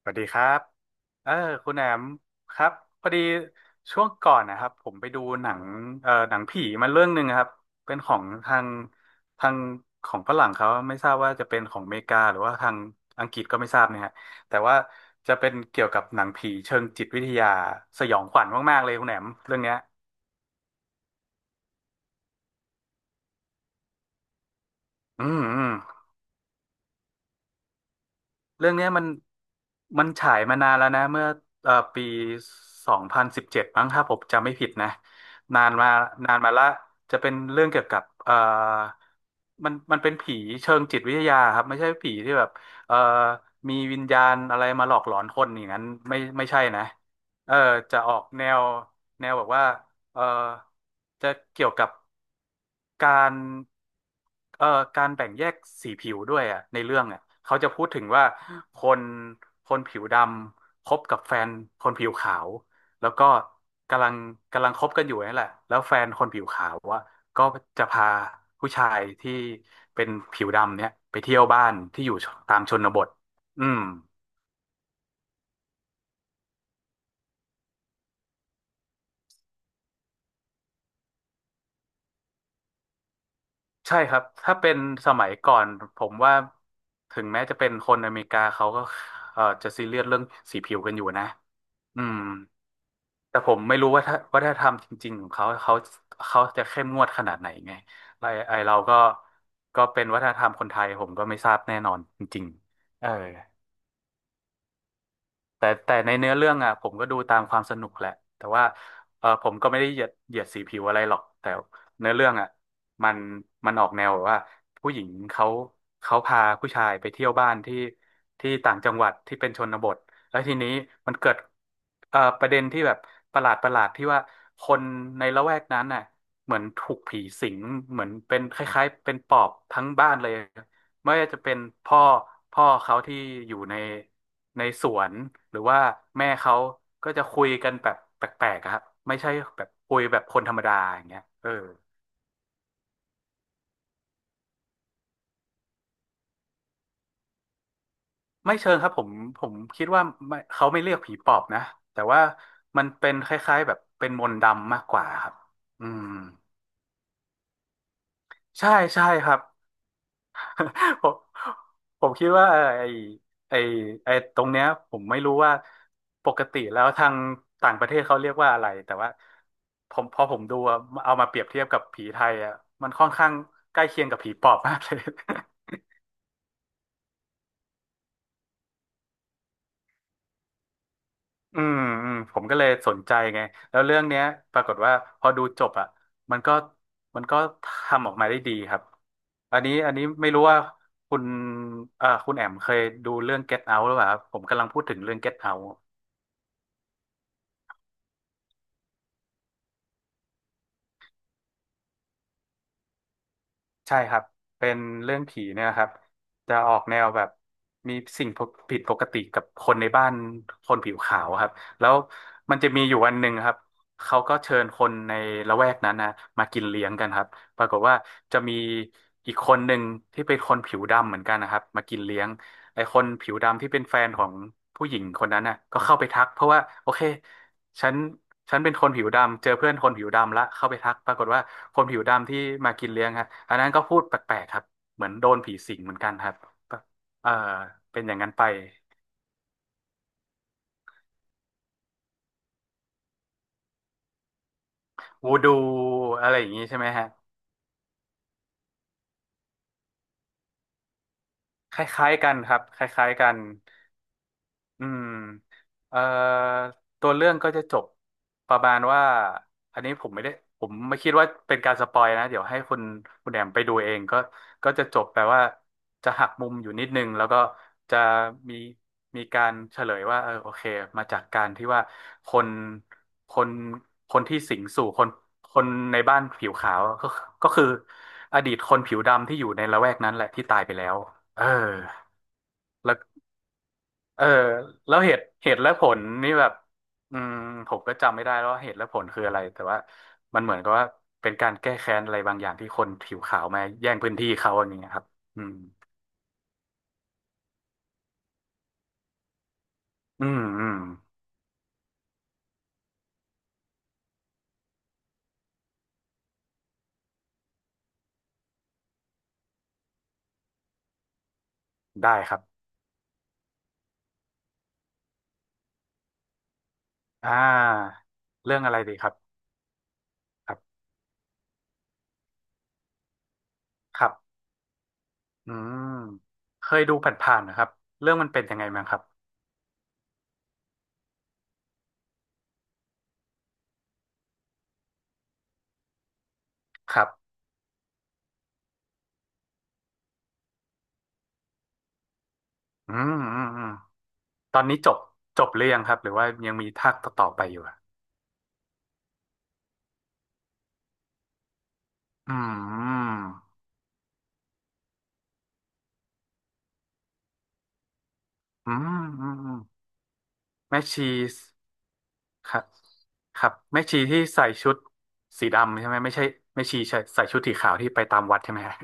สวัสดีครับเออคุณแอมครับพอดีช่วงก่อนนะครับผมไปดูหนังหนังผีมาเรื่องหนึ่งครับเป็นของทางทางของฝรั่งเขาไม่ทราบว่าจะเป็นของอเมริกาหรือว่าทางอังกฤษก็ไม่ทราบเนี่ยฮะแต่ว่าจะเป็นเกี่ยวกับหนังผีเชิงจิตวิทยาสยองขวัญมากๆเลยคุณแอมเรื่องเนี้ยอืมอืม เรื่องเนี้ยมันฉายมานานแล้วนะเมื่อปี2017มั้งถ้าผมจำไม่ผิดนะนานมานานมาละจะเป็นเรื่องเกี่ยวกับมันเป็นผีเชิงจิตวิทยาครับไม่ใช่ผีที่แบบเอ่อมีวิญญาณอะไรมาหลอกหลอนคนอย่างนั้นไม่ใช่นะเออจะออกแนวแบบว่าเออจะเกี่ยวกับ การเอ่อการแบ่งแยกสีผิวด้วยอ่ะในเรื่องอ่ะเขาจะพูดถึงว่าคนคนผิวดำคบกับแฟนคนผิวขาวแล้วก็กำลังกำลังคบกันอยู่นี่แหละแล้วแฟนคนผิวขาวว่าก็จะพาผู้ชายที่เป็นผิวดำเนี่ยไปเที่ยวบ้านที่อยู่ตามชนบทอืมใช่ครับถ้าเป็นสมัยก่อนผมว่าถึงแม้จะเป็นคนอเมริกาเขาก็จะซีเรียสเรื่องสีผิวกันอยู่นะ อืมแต่ผมไม่รู้ว่าถ้าวัฒนธรรมจริงๆของเขาเขาจะเข้มงวดขนาดไหนไงไอไอเราก็เป็นวัฒนธรรมคนไทยผมก็ไม่ทราบแน่นอนจริงๆเออ แต่ในเนื้อเรื่องอ่ะผมก็ดูตามความสนุกแหละแต่ว่าเออผมก็ไม่ได้เหยียดสีผิวอะไรหรอกแต่เนื้อเรื่องอ่ะมันมันออกแนวแบบว่าผู้หญิงเขาพาผู้ชายไปเที่ยวบ้านที่ต่างจังหวัดที่เป็นชนบทแล้วทีนี้มันเกิดประเด็นที่แบบประหลาดที่ว่าคนในละแวกนั้นน่ะเหมือนถูกผีสิงเหมือนเป็นคล้ายๆเป็นปอบทั้งบ้านเลย ไม่ว่าจะเป็นพ่อเขาที่อยู่ในสวนหรือว่าแม่เขาก็จะคุยกันแบบแปลกๆอะครับไม่ใช่แบบคุยแบบคนธรรมดาอย่างเงี้ยเออไม่เชิงครับผมคิดว่าไม่เขาไม่เรียกผีปอบนะแต่ว่ามันเป็นคล้ายๆแบบเป็นมนต์ดำมากกว่าครับอืมใช่ใช่ครับ ผมคิดว่าไอ้ไอ้ตรงเนี้ยผมไม่รู้ว่าปกติแล้วทางต่างประเทศเขาเรียกว่าอะไรแต่ว่าผมพอผมดูอะเอามาเปรียบเทียบกับผีไทยอ่ะมันค่อนข้างใกล้เคียงกับผีปอบมากเลย อืมอืมผมก็เลยสนใจไงแล้วเรื่องเนี้ยปรากฏว่าพอดูจบอ่ะมันก็มันก็ทำออกมาได้ดีครับอันนี้ไม่รู้ว่าคุณคุณแอมเคยดูเรื่อง Get Out หรือเปล่าครับผมกำลังพูดถึงเรื่อง Get Out ใช่ครับเป็นเรื่องผีเนี่ยครับจะออกแนวแบบมีสิ่งผิดปกติกับคนในบ้านคนผิวขาวครับแล้วมันจะมีอยู่วันหนึ่งครับเขาก็เชิญคนในละแวกนั้นนะมากินเลี้ยงกันครับปรากฏว่าจะมีอีกคนหนึ่งที่เป็นคนผิวดำเหมือนกันนะครับมากินเลี้ยงไอ้คนผิวดำที่เป็นแฟนของผู้หญิงคนนั้นน่ะก็เข้าไปทักเพราะว่าโอเค ฉันเป็นคนผิวดำเจอเพื่อนคนผิวดำละเข้าไปทักปรากฏว่าคนผิวดำที่มากินเลี้ยงฮะอันนั้นก็พูดแปลกๆครับเหมือนโดนผีสิงเหมือนกันครับเออเป็นอย่างนั้นไปวูดูอะไรอย่างนี้ใช่ไหมฮะคล้ายๆกันครับคล้ายๆกัน อืมเอ่อตัวเรื่องก็จะจบประมาณว่าอันนี้ผมไม่ได้ผมไม่คิดว่าเป็นการสปอยนะเดี๋ยวให้คุณแอมไปดูเองก็ก็จะจบแปลว่าจะหักมุมอยู่นิดนึงแล้วก็จะมีการเฉลยว่าเออโอเคมาจากการที่ว่าคนคนคนที่สิงสู่คนในบ้านผิวขาวก็ก็คืออดีตคนผิวดำที่อยู่ในละแวกนั้นแหละที่ตายไปแล้วเออ เออแล้วเหตุและผลนี่แบบอืมผมก็จำไม่ได้แล้วว่าเหตุและผลคืออะไรแต่ว่ามันเหมือนกับว่าเป็นการแก้แค้นอะไรบางอย่างที่คนผิวขาวมาแย่งพื้นที่เขาอย่างเงี้ยครับอืมอืมอืมได้ครับอ่าเรื่องอะไรดีครับครับครับอืมเคยดูผ่านๆนะครับเรื่องมันเป็นยังไงมั้างครับครับอืมอืมอืมตอนนี้จบหรือยังครับหรือว่ายังมีภาคต่อๆไปอยู่อะอืมอืมอืมอืมแม่ชี ครับครับแม่ชีที่ใส่ชุดสีดำใช่ไหมไม่ใช่แม่ชีใส่ชุดสีขาวที่ไปตามวัดใช่ไหมฮะ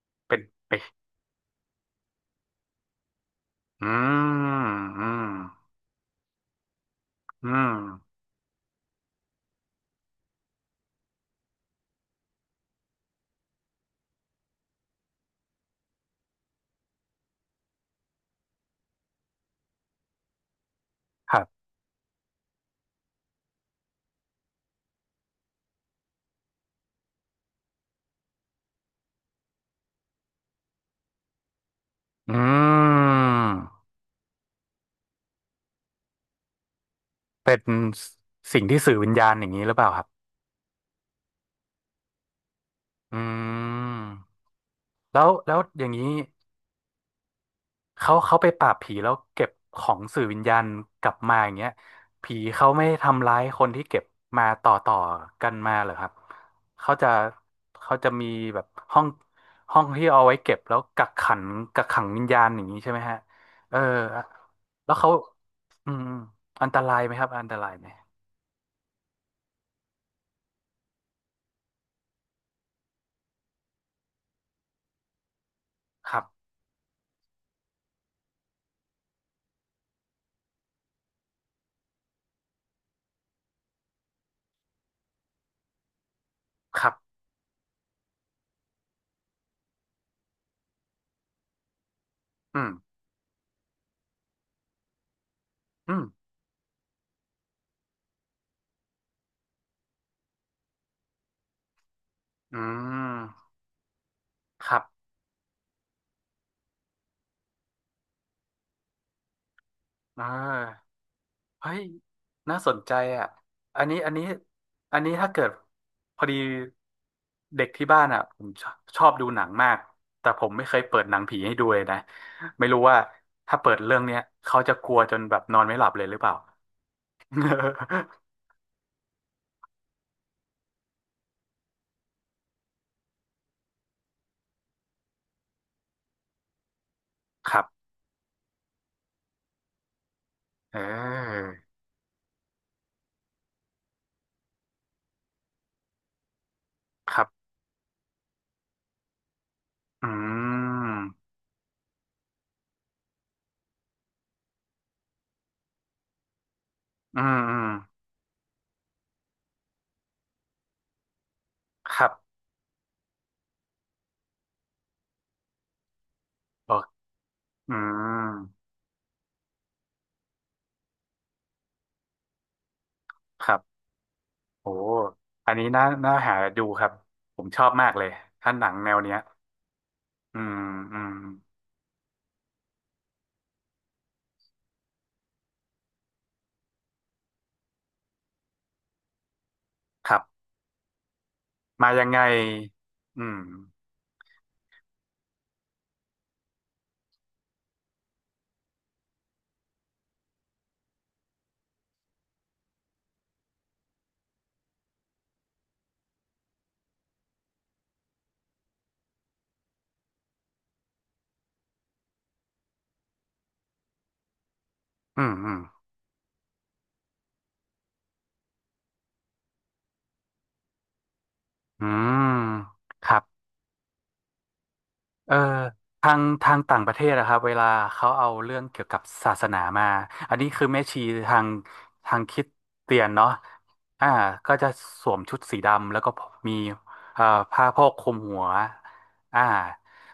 เป็นไปอืมอืมอืมครับอืมเป็นสิ่งที่สื่อวิญญาณอย่างนี้หรือเปล่าครับอืมแล้วอย่างนี้ เขาไปปราบผีแล้วเก็บของสื่อวิญญาณกลับมาอย่างเงี้ยผีเขาไม่ทำร้ายคนที่เก็บมาต่อกันมาเหรอครับเขาจะเขาจะมีแบบห้องห้องที่เอาไว้เก็บแล้วกักขังวิญญาณอย่างนี้ใช่ไหมฮะเออแล้วเขาอืมอมอันตรายไหมครับอันตรายไหมครับครับอืมอืมอืมครับเออ เฮ้ยน่าสนใจอ่ะอันนี้อันนี้อันนี้ถ้าเกิดพอดีเด็กที่บ้านอ่ะผมชอบดูหนังมาก แต่ผมไม่เคยเปิดหนังผีให้ดูเลยนะไม่รู้ว่าถ้าเปิดเรื่องเนี้ยเขาจะกลัวจนแบบนอนไม่หลับเลยหรือเปล่า ครับเออครับอืมอืมอืมครับโออืมครับโอ้อันนี้น่าหาดูครับ ผมชอบมากเลยถ้าหนังแนวเนี้ยอืมอืม ครับมายังไงอืมอืมอืมอืมครับ เอ่อทางต่างประเทศนะครับเวลาเขาเอาเรื่องเกี่ยวกับศาสนามาอันนี้คือแม่ชีทางทางคริสเตียนเนาะอ่าก็จะสวมชุดสีดำแล้วก็มีเอ่อผ้าโพกคลุมหัวอ่า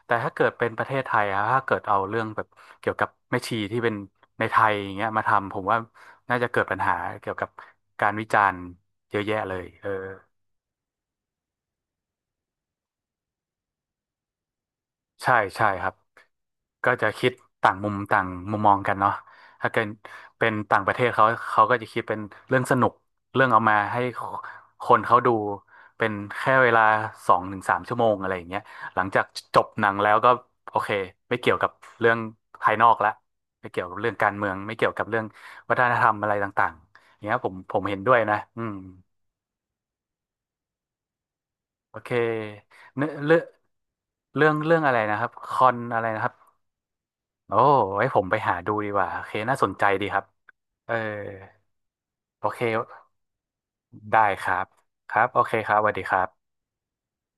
แต่ถ้าเกิดเป็นประเทศไทยอะถ้าเกิดเอาเรื่องแบบเกี่ยวกับแม่ชีที่เป็นในไทยอย่างเงี้ยมาทำผมว่าน่าจะเกิดปัญหาเกี่ยวกับการวิจารณ์เยอะแยะเลยเออ ใช่ใช่ครับก็จะคิดต่างมุมต่างมุมมองกันเนาะถ้าเกิดเป็นต่างประเทศเขาเขาก็จะคิดเป็นเรื่องสนุกเรื่องเอามาให้คนเขาดูเป็นแค่เวลา2 ถึง 3 ชั่วโมงอะไรอย่างเงี้ยหลังจากจบหนังแล้วก็โอเคไม่เกี่ยวกับเรื่องภายนอกละไม่เกี่ยวกับเรื่องการเมืองไม่เกี่ยวกับเรื่องวัฒนธรรมอะไรต่างๆอย่างเงี้ยผมเห็นด้วยนะอืมโอเคเนื้อเรื่องเรื่องอะไรนะครับคอนอะไรนะครับ โอ้ไว้ผมไปหาดูดีกว่าโอเคน่าสนใจดีครับเออโอเค ได้ครับ ครับ โอเคครับสวัสดีครับ